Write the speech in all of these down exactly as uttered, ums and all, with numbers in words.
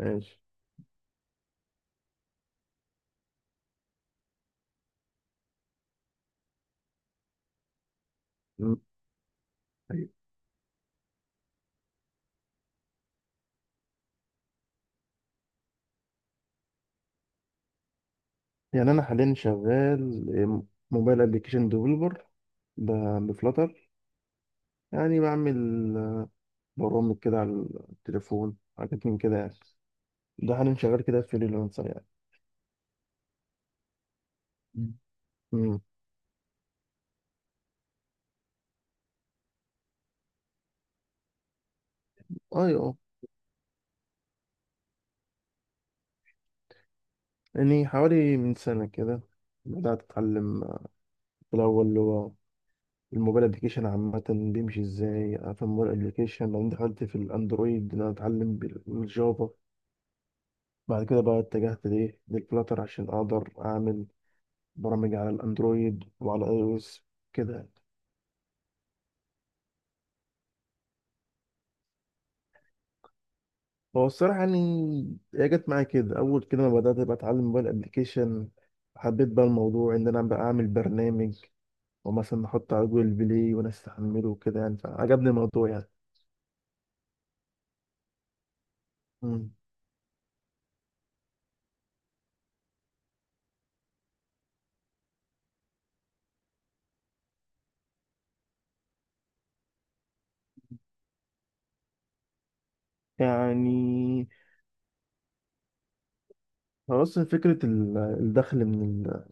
ماشي. م- أيوة. يعني انا حاليا شغال موبايل ابلكيشن ديفلوبر بفلاتر، يعني بعمل برامج كده على التليفون، حاجات من كده يعني. ده حاليا شغال كده فريلانسر يعني. مم. امم ايوه، يعني حوالي من سنة كده بدأت أتعلم. في الأول اللي هو الموبايل ابلكيشن عامة بيمشي ازاي في الموبايل ابلكيشن، بعدين دخلت في الأندرويد إن أنا أتعلم بالجافا. بعد كده بقى اتجهت لإيه للفلاتر عشان أقدر أعمل برامج على الاندرويد وعلى اي او اس كده. هو الصراحه يعني، هي جت معايا كده اول كده ما بدات بقى اتعلم موبايل ابلكيشن، حبيت بقى الموضوع ان انا بقى اعمل برنامج ومثلا نحطه على جوجل بلاي وناس تحمله وكده يعني، فعجبني الموضوع يعني. مم. يعني هو اصلا فكره ال- الدخل من ال-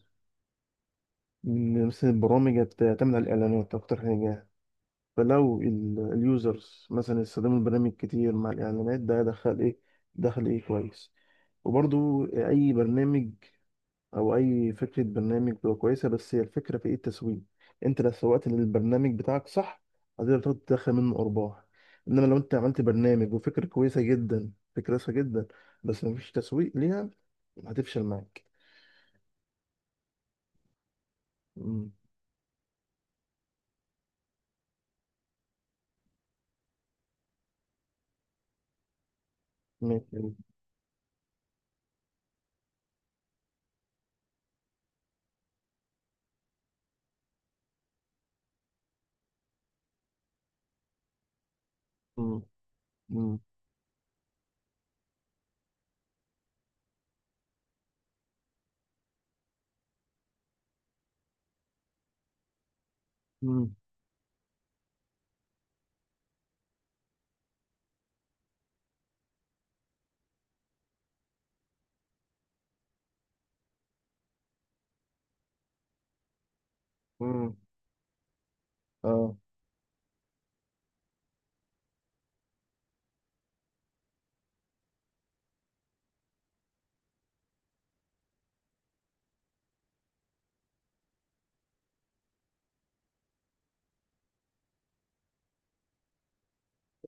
من مثلا البرامج بتعتمد على الاعلانات اكتر حاجه. فلو ال- اليوزرز مثلا استخدموا البرنامج كتير مع الاعلانات ده دخل ايه، دخل ايه كويس. وبرضو اي برنامج او اي فكره برنامج بتبقى كويسه، بس هي الفكره في ايه؟ التسويق. انت لو سوقت للبرنامج بتاعك صح هتقدر تقعد تدخل منه ارباح. انما لو انت عملت برنامج وفكره كويسه جدا، فكره كويسه جدا، بس مفيش تسويق ليها هتفشل معاك. مم. ماشي. مم. مم. مم. مم. اه.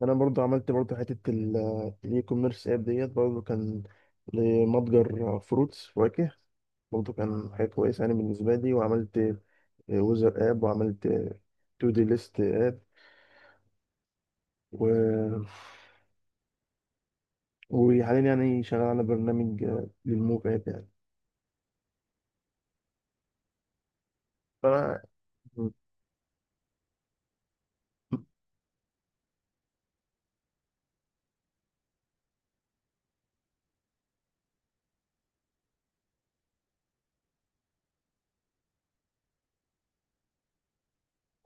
انا برضو عملت برضو حته ال- الاي كوميرس اب ديت، برضو كان لمتجر فروتس فواكه، برضه كان حاجة كويسة يعني بالنسبة لي. وعملت ويزر اب، وعملت تو دي ليست اب، و... وحاليا يعني شغال على برنامج آه، للموف اب يعني. فانا.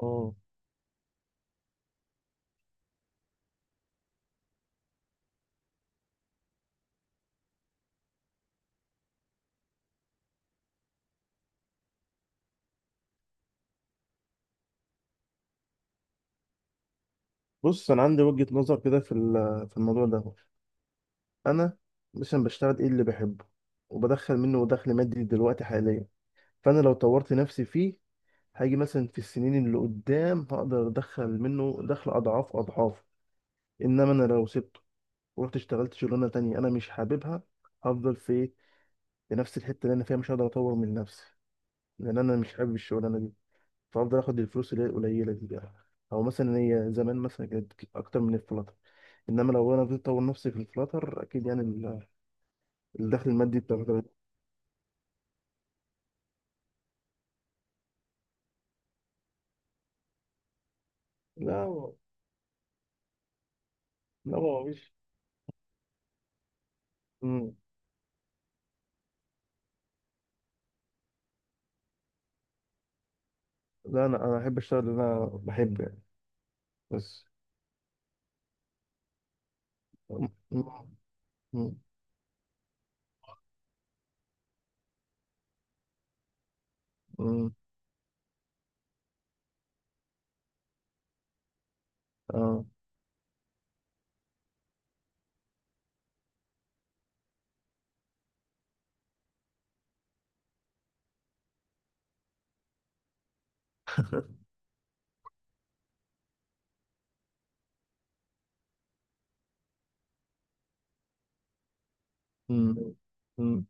اه. بص، انا عندي وجهة نظر كده في ال- في الموضوع ده. انا مثلا بشتغل ايه اللي بحبه وبدخل منه دخل مادي دلوقتي حاليا. فانا لو طورت نفسي فيه هاجي مثلا في السنين اللي قدام هقدر ادخل منه دخل اضعاف اضعاف. انما انا لو سبته ورحت اشتغلت شغلانه تانية انا مش حاببها، هفضل في إيه؟ لنفس الحته اللي انا فيها مش هقدر اطور من نفسي، لان انا مش حابب الشغلانه دي. فافضل اخد الفلوس اللي هي القليله دي بقى، او مثلا هي زمان مثلا كانت اكتر من الفلاتر. انما لو انا فضلت اطور نفسي في الفلاتر اكيد يعني ال- الدخل المادي بتاع الفلاتر. لا هو- لا هو مش. مم. لا انا انا احب اشتغل اللي انا بحبه يعني، بس. مم. مم. مم. اه. مم. مم.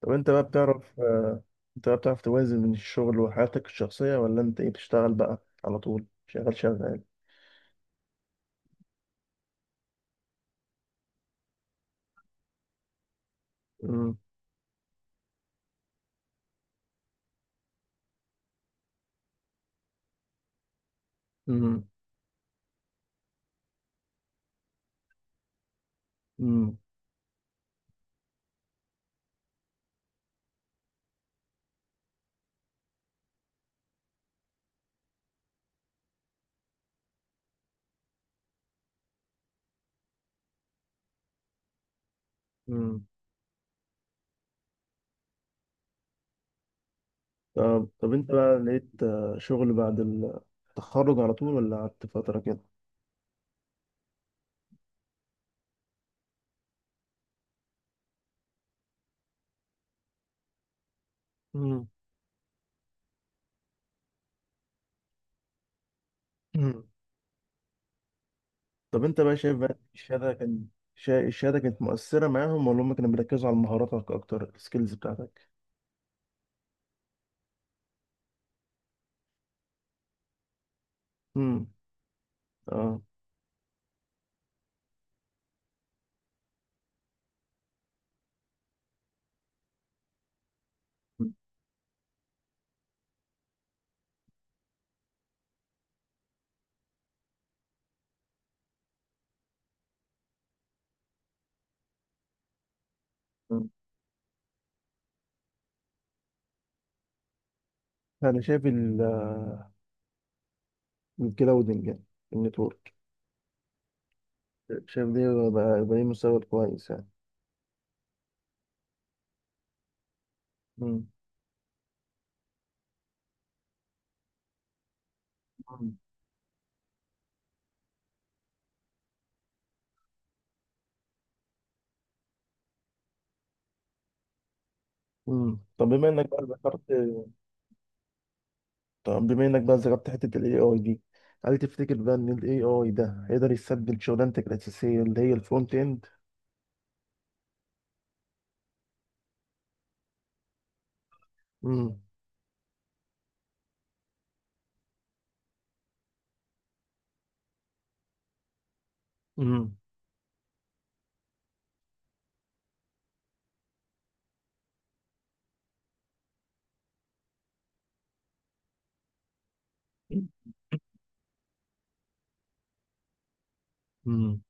طب انت بقى بتعرف آه، انت بقى بتعرف توازن بين الشغل وحياتك الشخصيه، ولا انت ايه بتشتغل بقى على طول شغال شغال؟ مم. مم. مم. مم. طب طب انت بقى لقيت آه، شغل بعد التخرج على طول ولا قعدت فترة كده؟ مم. مم. طب انت بقى شايف بقى الشهادة كان شا- الشهادة كانت مؤثرة معاهم ولا هم كانوا بيركزوا على مهاراتك أكتر، السكيلز بتاعتك؟ مم. اه. مم. أنا شايف ال- الكلاودنج يعني، النتورك، شايف دي بقى, بقى ليه مستقبل كويس يعني. مم. مم. مم. طب بما إنك بقى ذكرت طب بما انك بقى ذكرت حته الاي اي دي، هل تفتكر بقى ان الاي اي ده هيقدر يستبدل شغلانتك الاساسيه اللي هي الفرونت اند؟ امم امم امم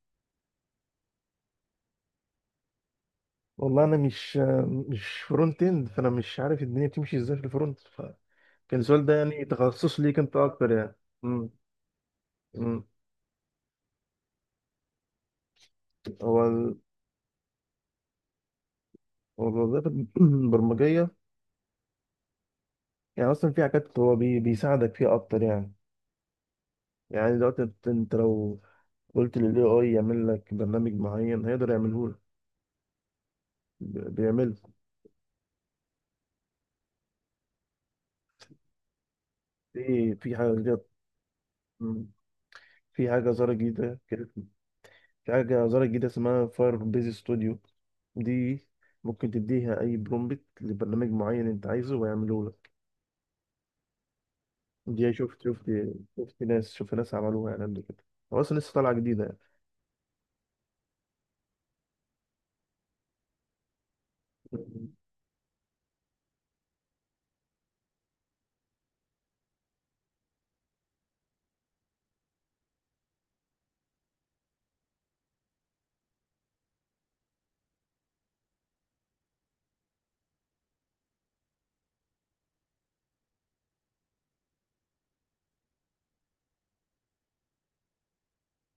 والله انا مش مش فرونت اند، فانا مش عارف الدنيا بتمشي ازاي في الفرونت فكان السؤال ده يعني تخصص ليك انت اكتر يعني. امم امم هو ال- هو الوظائف البرمجيه، يعني اصلا في حاجات هو بي بيساعدك فيها اكتر يعني. يعني دلوقتي انت أنت لو قلت للاي اي يعمل لك برنامج معين هيقدر يعمله لك، بيعمله في في حاجة. في حاجة ظاهرة جديدة كده في حاجة ظاهرة جديدة اسمها فاير بيز ستوديو. دي ممكن تديها أي برومبت لبرنامج معين أنت عايزه ويعمله لك. دي شفت شفت شفت ناس شفت ناس عملوها يعني قبل كده، هو أصلا لسه طالعة جديدة يعني.